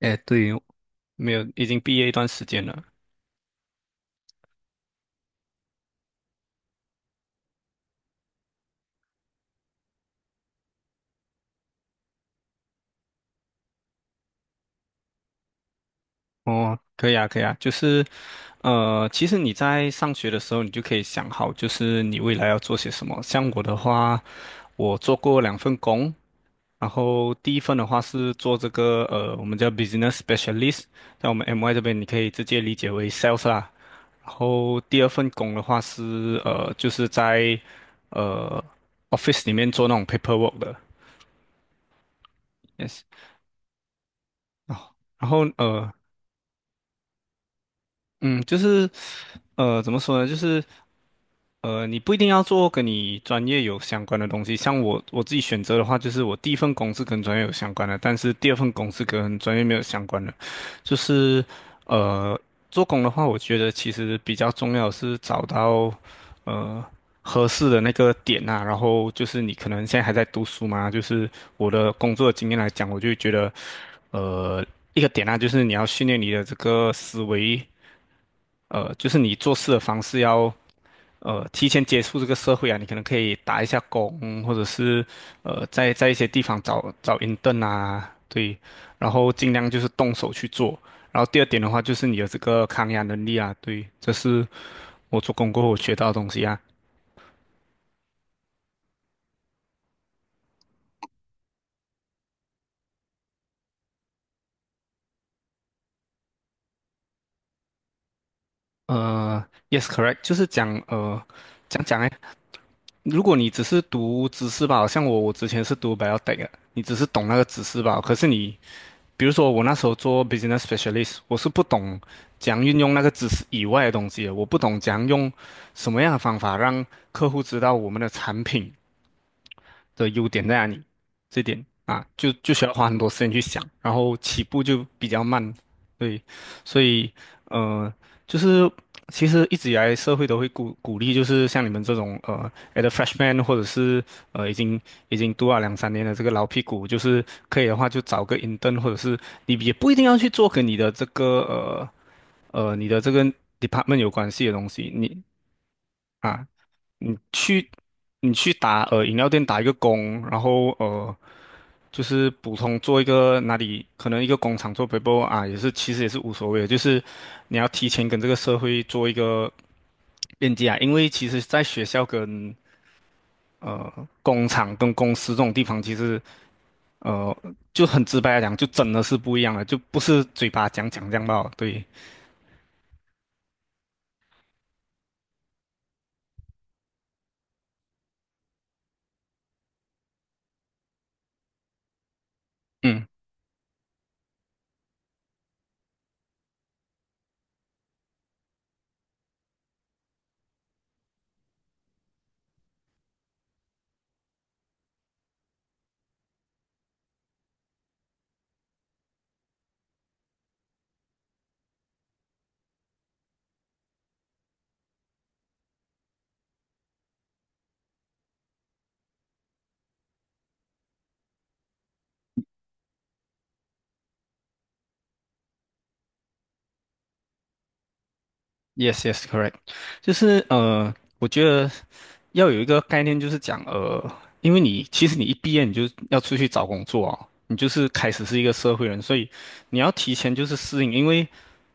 哎，对，没有，已经毕业一段时间了。哦，可以啊，可以啊，就是，其实你在上学的时候，你就可以想好，就是你未来要做些什么。像我的话，我做过两份工，然后第一份的话是做这个，我们叫 business specialist，在我们 MY 这边，你可以直接理解为 sales 啦。然后第二份工的话是，就是在，呃，office 里面做那种 paperwork 的，yes。哦，然后嗯，就是，怎么说呢？就是，你不一定要做跟你专业有相关的东西。像我自己选择的话，就是我第一份工是跟专业有相关的，但是第二份工是跟专业没有相关的。就是，呃，做工的话，我觉得其实比较重要的是找到，呃，合适的那个点啊。然后就是你可能现在还在读书嘛，就是我的工作经验来讲，我就觉得，呃，一个点啊，就是你要训练你的这个思维。就是你做事的方式要提前接触这个社会啊，你可能可以打一下工，或者是在一些地方找找 intern 啊，对，然后尽量就是动手去做。然后第二点的话，就是你有这个抗压能力啊，对，这是我做工过后我学到的东西啊。呃，yes correct，就是讲讲哎，如果你只是读知识吧，好像我之前是读 biotech 的，你只是懂那个知识吧，可是你比如说我那时候做 business specialist，我是不懂怎样运用那个知识以外的东西的，我不懂怎样用什么样的方法让客户知道我们的产品的优点在哪里，这点啊，就需要花很多时间去想，然后起步就比较慢，对，所以呃，就是其实一直以来社会都会鼓励，就是像你们这种at a freshman 或者是已经读了两三年的这个老屁股，就是可以的话就找个 intern，或者是你也不一定要去做跟你的这个你的这个 department 有关系的东西，你啊，你去你去打饮料店打一个工，然后就是普通做一个哪里可能一个工厂做 paper 啊，也是其实也是无所谓的，就是你要提前跟这个社会做一个链接啊，因为其实在学校跟呃工厂跟公司这种地方，其实呃就很直白来讲，就真的是不一样了，就不是嘴巴讲讲这样吧，对，嗯 Yes, yes, correct，就是我觉得要有一个概念，就是讲因为你其实你一毕业你就要出去找工作哦，你就是开始是一个社会人，所以你要提前就是适应，因为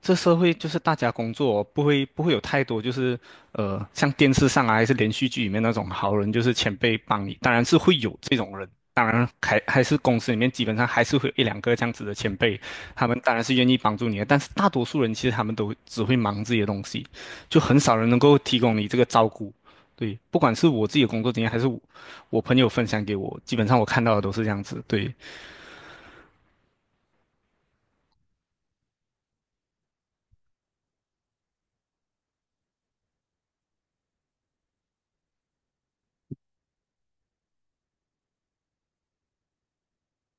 这社会就是大家工作哦不会有太多就是像电视上啊还是连续剧里面那种好人就是前辈帮你，当然是会有这种人，当然还是公司里面基本上还是会有一两个这样子的前辈，他们当然是愿意帮助你的，但是大多数人其实他们都只会忙自己的东西，就很少人能够提供你这个照顾。对，不管是我自己的工作经验，还是我朋友分享给我，基本上我看到的都是这样子。对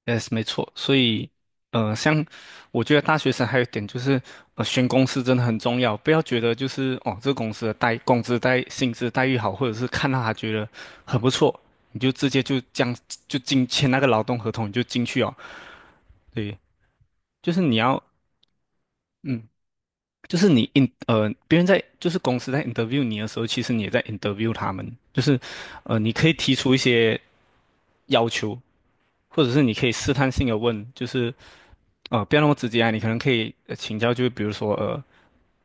，yes，没错。所以，像我觉得大学生还有一点就是，选公司真的很重要，不要觉得就是哦，这个公司的待工资待薪资待遇好，或者是看到他觉得很不错，你就直接就这样就签那个劳动合同，你就进去哦。对，就是你要。嗯，就是你 别人在就是公司在 interview 你的时候，其实你也在 interview 他们，就是你可以提出一些要求，或者是你可以试探性的问，就是不要那么直接啊，你可能可以请教，就是比如说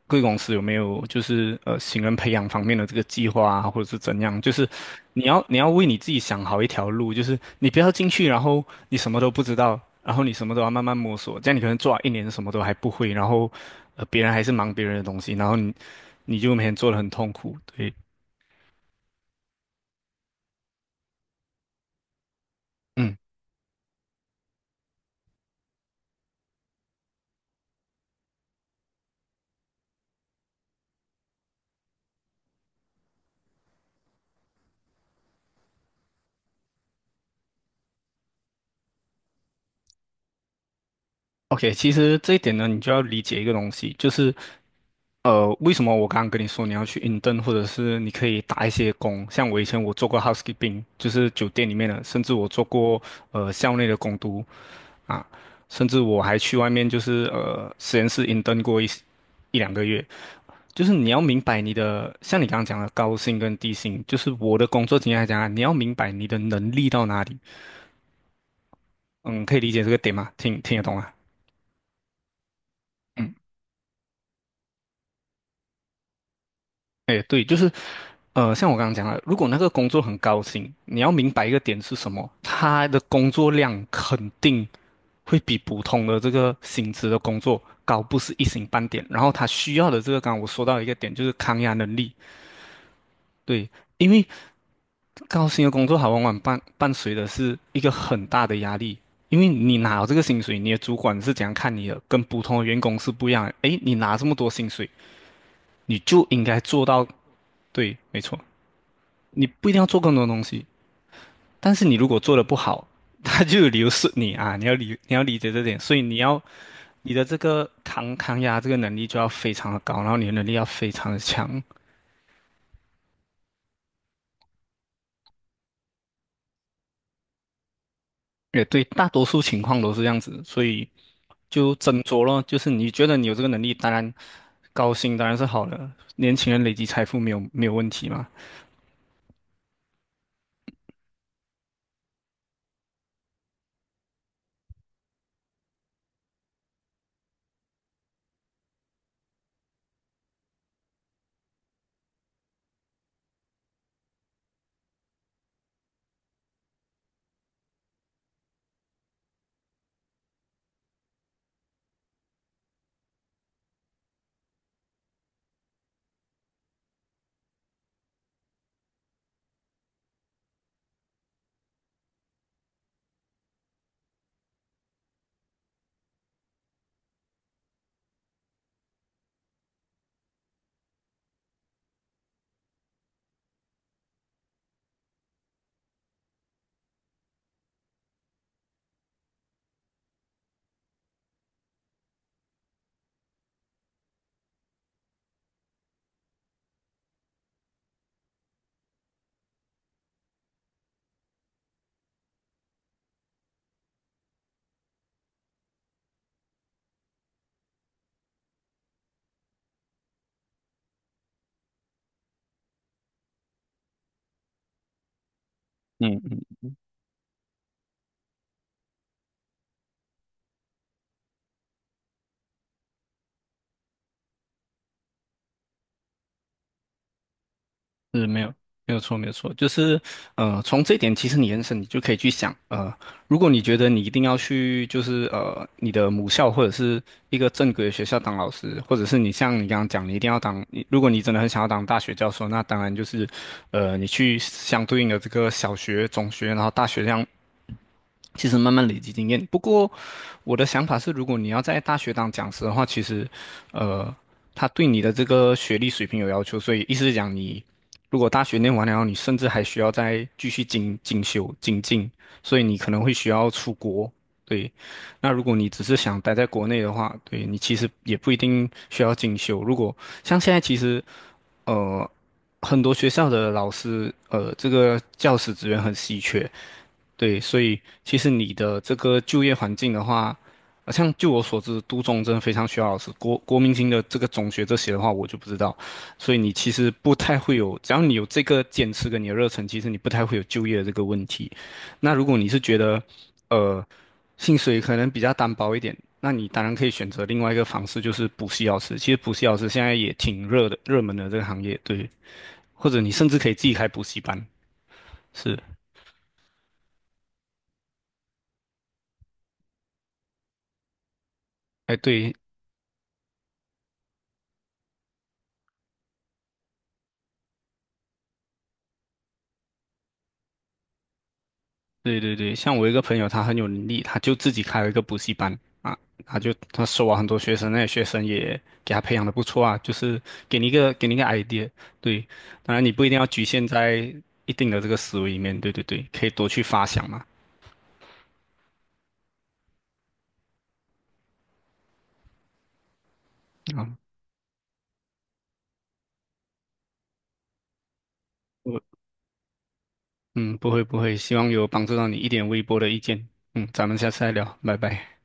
贵公司有没有就是新人培养方面的这个计划啊，或者是怎样，就是你要为你自己想好一条路，就是你不要进去，然后你什么都不知道，然后你什么都要慢慢摸索，这样你可能做了一年什么都还不会，然后。别人还是忙别人的东西，然后你就每天做的很痛苦。对，嗯，OK，其实这一点呢，你就要理解一个东西，就是为什么我刚刚跟你说你要去 intern，或者是你可以打一些工，像我以前我做过 housekeeping，就是酒店里面的，甚至我做过校内的工读啊，甚至我还去外面就是实验室 intern 过一两个月。就是你要明白你的，像你刚刚讲的高薪跟低薪，就是我的工作经验来讲啊，你要明白你的能力到哪里。嗯，可以理解这个点吗？听听得懂啊？嗯哎，对，就是，像我刚刚讲了，如果那个工作很高薪，你要明白一个点是什么，他的工作量肯定会比普通的这个薪资的工作高，不是一星半点。然后他需要的这个，刚刚我说到一个点，就是抗压能力。对，因为高薪的工作，它往往伴随的是一个很大的压力。因为你拿了这个薪水，你的主管是怎样看你的，跟普通的员工是不一样的。诶，你拿这么多薪水，你就应该做到，对，没错。你不一定要做更多东西，但是你如果做的不好，他就有理由是你啊，你要理解这点，所以你的这个抗压这个能力就要非常的高，然后你的能力要非常的强，也对，大多数情况都是这样子，所以就斟酌咯，就是你觉得你有这个能力，当然高薪当然是好的，年轻人累积财富没有问题嘛，嗯是没有错，就是从这一点其实你延伸，你就可以去想，如果你觉得你一定要去，就是你的母校或者是一个正规的学校当老师，或者是你像你刚刚讲，你一定要当，你如果你真的很想要当大学教授，那当然就是，你去相对应的这个小学、中学，然后大学这样其实慢慢累积经验。不过我的想法是，如果你要在大学当讲师的话，其实，呃，他对你的这个学历水平有要求，所以意思是讲你。如果大学念完了，你甚至还需要再继续精进，所以你可能会需要出国。对，那如果你只是想待在国内的话，对你其实也不一定需要进修。如果像现在，其实呃，很多学校的老师，这个教师资源很稀缺，对，所以其实你的这个就业环境的话，像就我所知，都中真的非常需要老师。国民型的这个中学这些的话，我就不知道。所以你其实不太会有，只要你有这个坚持跟你的热忱，其实你不太会有就业的这个问题。那如果你是觉得，呃，薪水可能比较单薄一点，那你当然可以选择另外一个方式，就是补习老师。其实补习老师现在也挺热的，热门的这个行业，对。或者你甚至可以自己开补习班，是。哎，对，对对对，像我一个朋友，他很有能力，他就自己开了一个补习班啊，他就他收啊很多学生，那些学生也给他培养的不错啊，就是给你一个 idea，对，当然你不一定要局限在一定的这个思维里面，对对对，可以多去发想嘛，啊，我嗯不会，希望有帮助到你一点微薄的意见，嗯，咱们下次再聊，拜拜。